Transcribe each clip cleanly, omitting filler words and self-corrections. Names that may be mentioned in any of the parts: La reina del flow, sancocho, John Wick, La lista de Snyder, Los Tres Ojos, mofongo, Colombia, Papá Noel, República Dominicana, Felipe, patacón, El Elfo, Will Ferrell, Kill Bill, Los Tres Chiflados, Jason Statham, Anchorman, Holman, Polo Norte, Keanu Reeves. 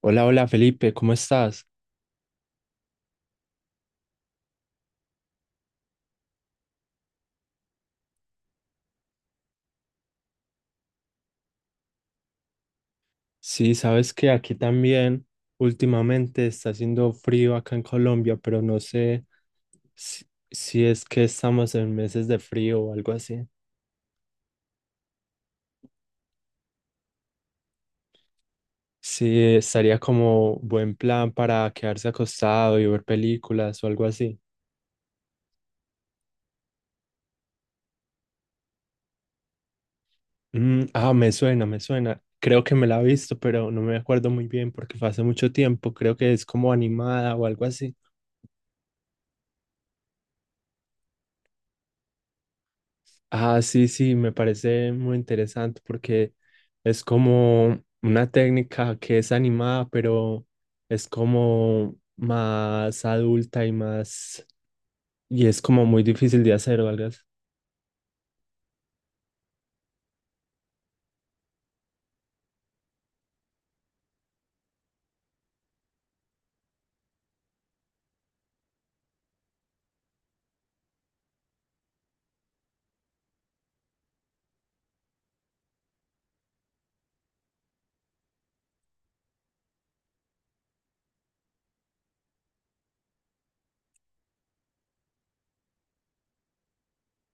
Hola, hola Felipe, ¿cómo estás? Sí, sabes que aquí también últimamente está haciendo frío acá en Colombia, pero no sé si, si es que estamos en meses de frío o algo así. Sí, estaría como buen plan para quedarse acostado y ver películas o algo así. Mm, ah, me suena, me suena. Creo que me la he visto, pero no me acuerdo muy bien porque fue hace mucho tiempo. Creo que es como animada o algo así. Ah, sí, sí, me parece muy interesante porque es como una técnica que es animada, pero es como más adulta y más, y es como muy difícil de hacer, ¿verdad?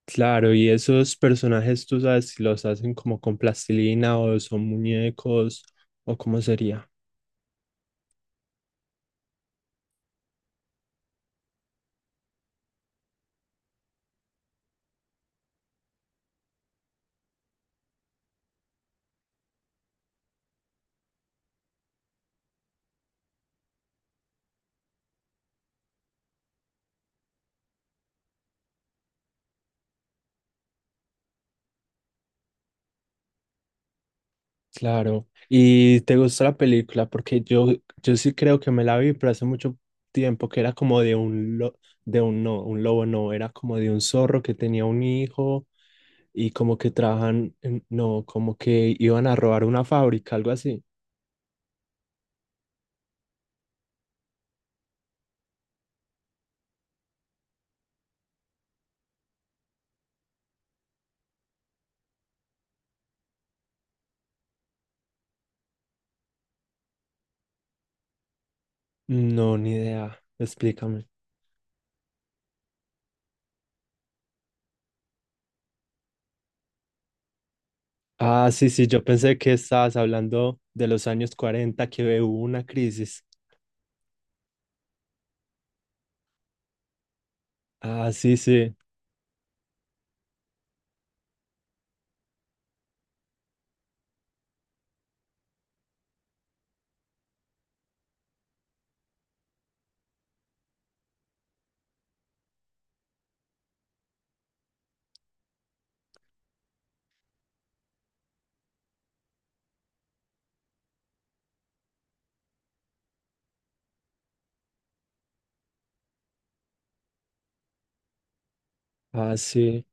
Claro, y esos personajes, tú sabes si los hacen como con plastilina o son muñecos o cómo sería. Claro. ¿Y te gustó la película? Porque yo sí creo que me la vi, pero hace mucho tiempo que era como de un lobo no, era como de un zorro que tenía un hijo y como que no, como que iban a robar una fábrica, algo así. No, ni idea. Explícame. Ah, sí, sí, yo pensé que estabas hablando de los años 40 que hubo una crisis. Ah, sí, sí. Ah, sí.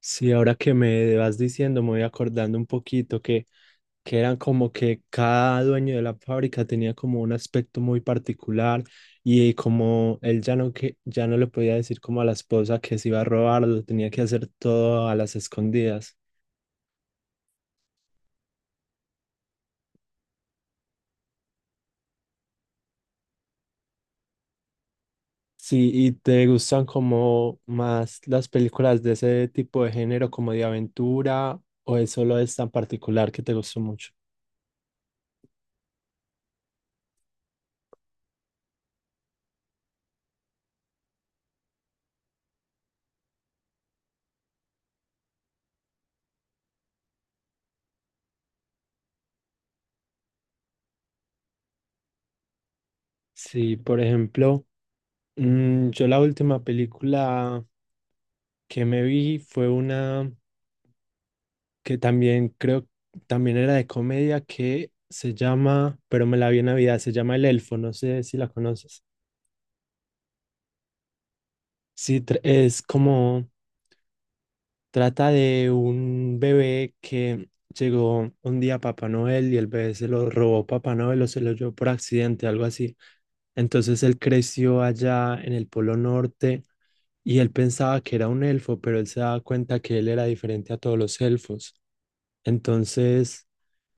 Sí, ahora que me vas diciendo, me voy acordando un poquito que eran como que cada dueño de la fábrica tenía como un aspecto muy particular y como él ya no, que, ya no le podía decir como a la esposa que se iba a robar, lo tenía que hacer todo a las escondidas. Sí, ¿y te gustan como más las películas de ese tipo de género, como de aventura, o es solo esta en particular que te gustó mucho? Sí, por ejemplo, yo la última película que me vi fue una que también era de comedia, que se llama, pero me la vi en Navidad, se llama El Elfo, no sé si la conoces. Sí, es como trata de un bebé que llegó un día a Papá Noel y el bebé se lo robó Papá Noel o se lo llevó por accidente, algo así. Entonces él creció allá en el Polo Norte y él pensaba que era un elfo, pero él se daba cuenta que él era diferente a todos los elfos. Entonces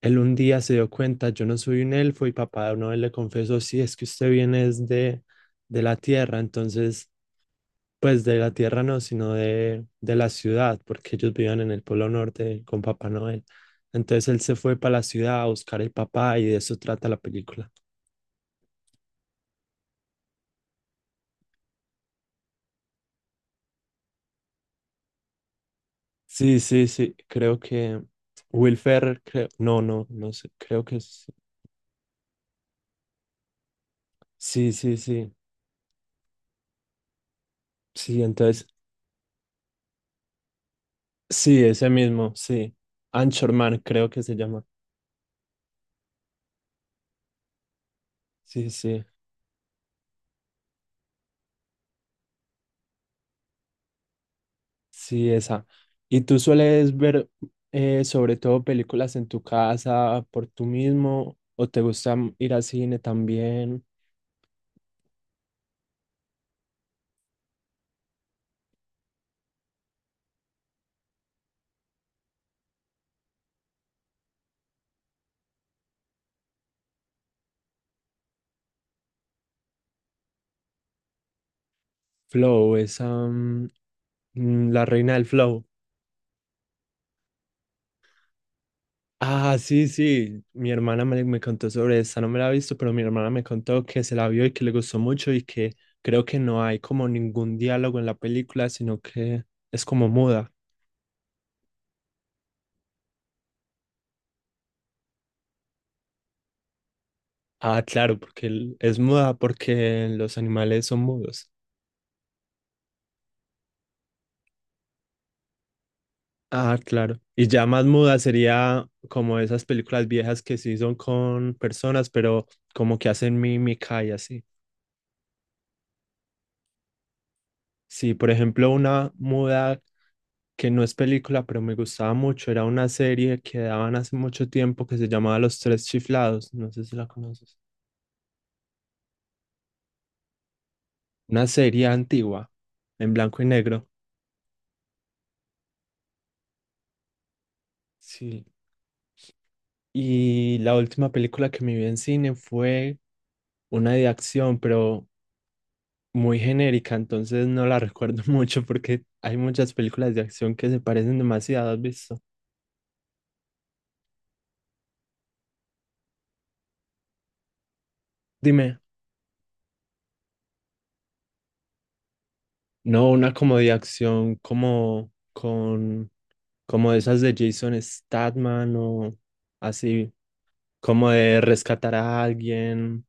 él un día se dio cuenta, yo no soy un elfo y Papá Noel le confesó, sí, es que usted viene es de la tierra, entonces, pues de la tierra no, sino de la ciudad, porque ellos vivían en el Polo Norte con Papá Noel. Entonces él se fue para la ciudad a buscar el papá y de eso trata la película. Sí, sí, sí, creo que Will Ferrell, creo, no, no, no sé, creo que sí, sí, sí, sí, entonces, sí, ese mismo, sí, Anchorman creo que se llama, sí, sí. Sí, esa. ¿Y tú sueles ver sobre todo películas en tu casa por tú mismo o te gusta ir al cine también? Flow, esa, la reina del flow. Ah, sí, sí, mi hermana me, me contó sobre esa, no me la ha visto, pero mi hermana me contó que se la vio y que le gustó mucho y que creo que no hay como ningún diálogo en la película, sino que es como muda. Ah, claro, porque es muda porque los animales son mudos. Ah, claro. Y ya más muda sería como esas películas viejas que sí son con personas, pero como que hacen mímica y así. Sí, por ejemplo, una muda que no es película, pero me gustaba mucho, era una serie que daban hace mucho tiempo que se llamaba Los Tres Chiflados. No sé si la conoces. Una serie antigua, en blanco y negro. Sí. Y la última película que me vi en cine fue una de acción, pero muy genérica, entonces no la recuerdo mucho porque hay muchas películas de acción que se parecen demasiado, ¿has visto? Dime, no, una como de acción como con como esas de Jason Statham o así, como de rescatar a alguien.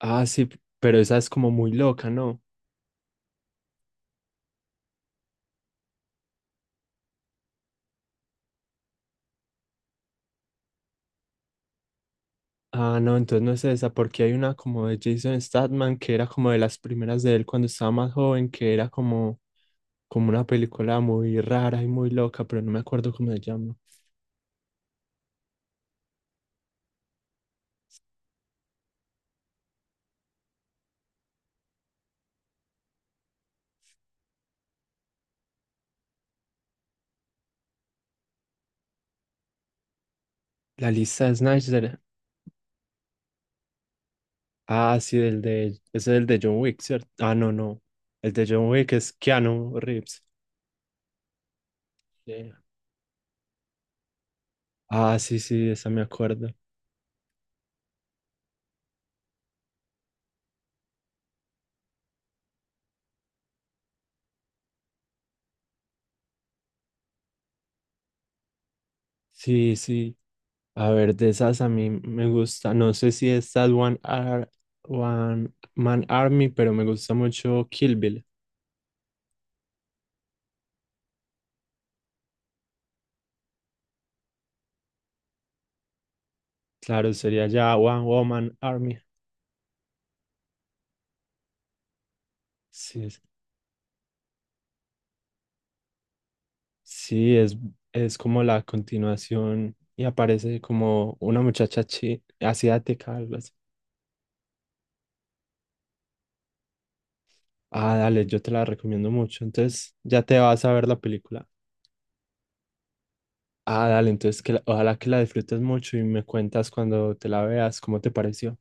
Ah, sí, pero esa es como muy loca, ¿no? Ah, no, entonces no es esa, porque hay una como de Jason Statham que era como de las primeras de él cuando estaba más joven, que era como como una película muy rara y muy loca, pero no me acuerdo cómo se llama. La lista de Snyder. Ah, sí, el de, ese es el de John Wick, ¿cierto? Ah, no, no. El de John Wick es Keanu Reeves. Sí. Ah, sí, sí, esa me acuerdo. Sí, sí. A ver, de esas a mí me gusta. No sé si es That One, Ar- One Man Army, pero me gusta mucho Kill Bill. Claro, sería ya One Woman Army. Sí, sí. Sí, es como la continuación y aparece como una asiática, algo así. Ah, dale, yo te la recomiendo mucho. Entonces ya te vas a ver la película. Ah, dale, entonces que ojalá que la disfrutes mucho y me cuentas cuando te la veas cómo te pareció.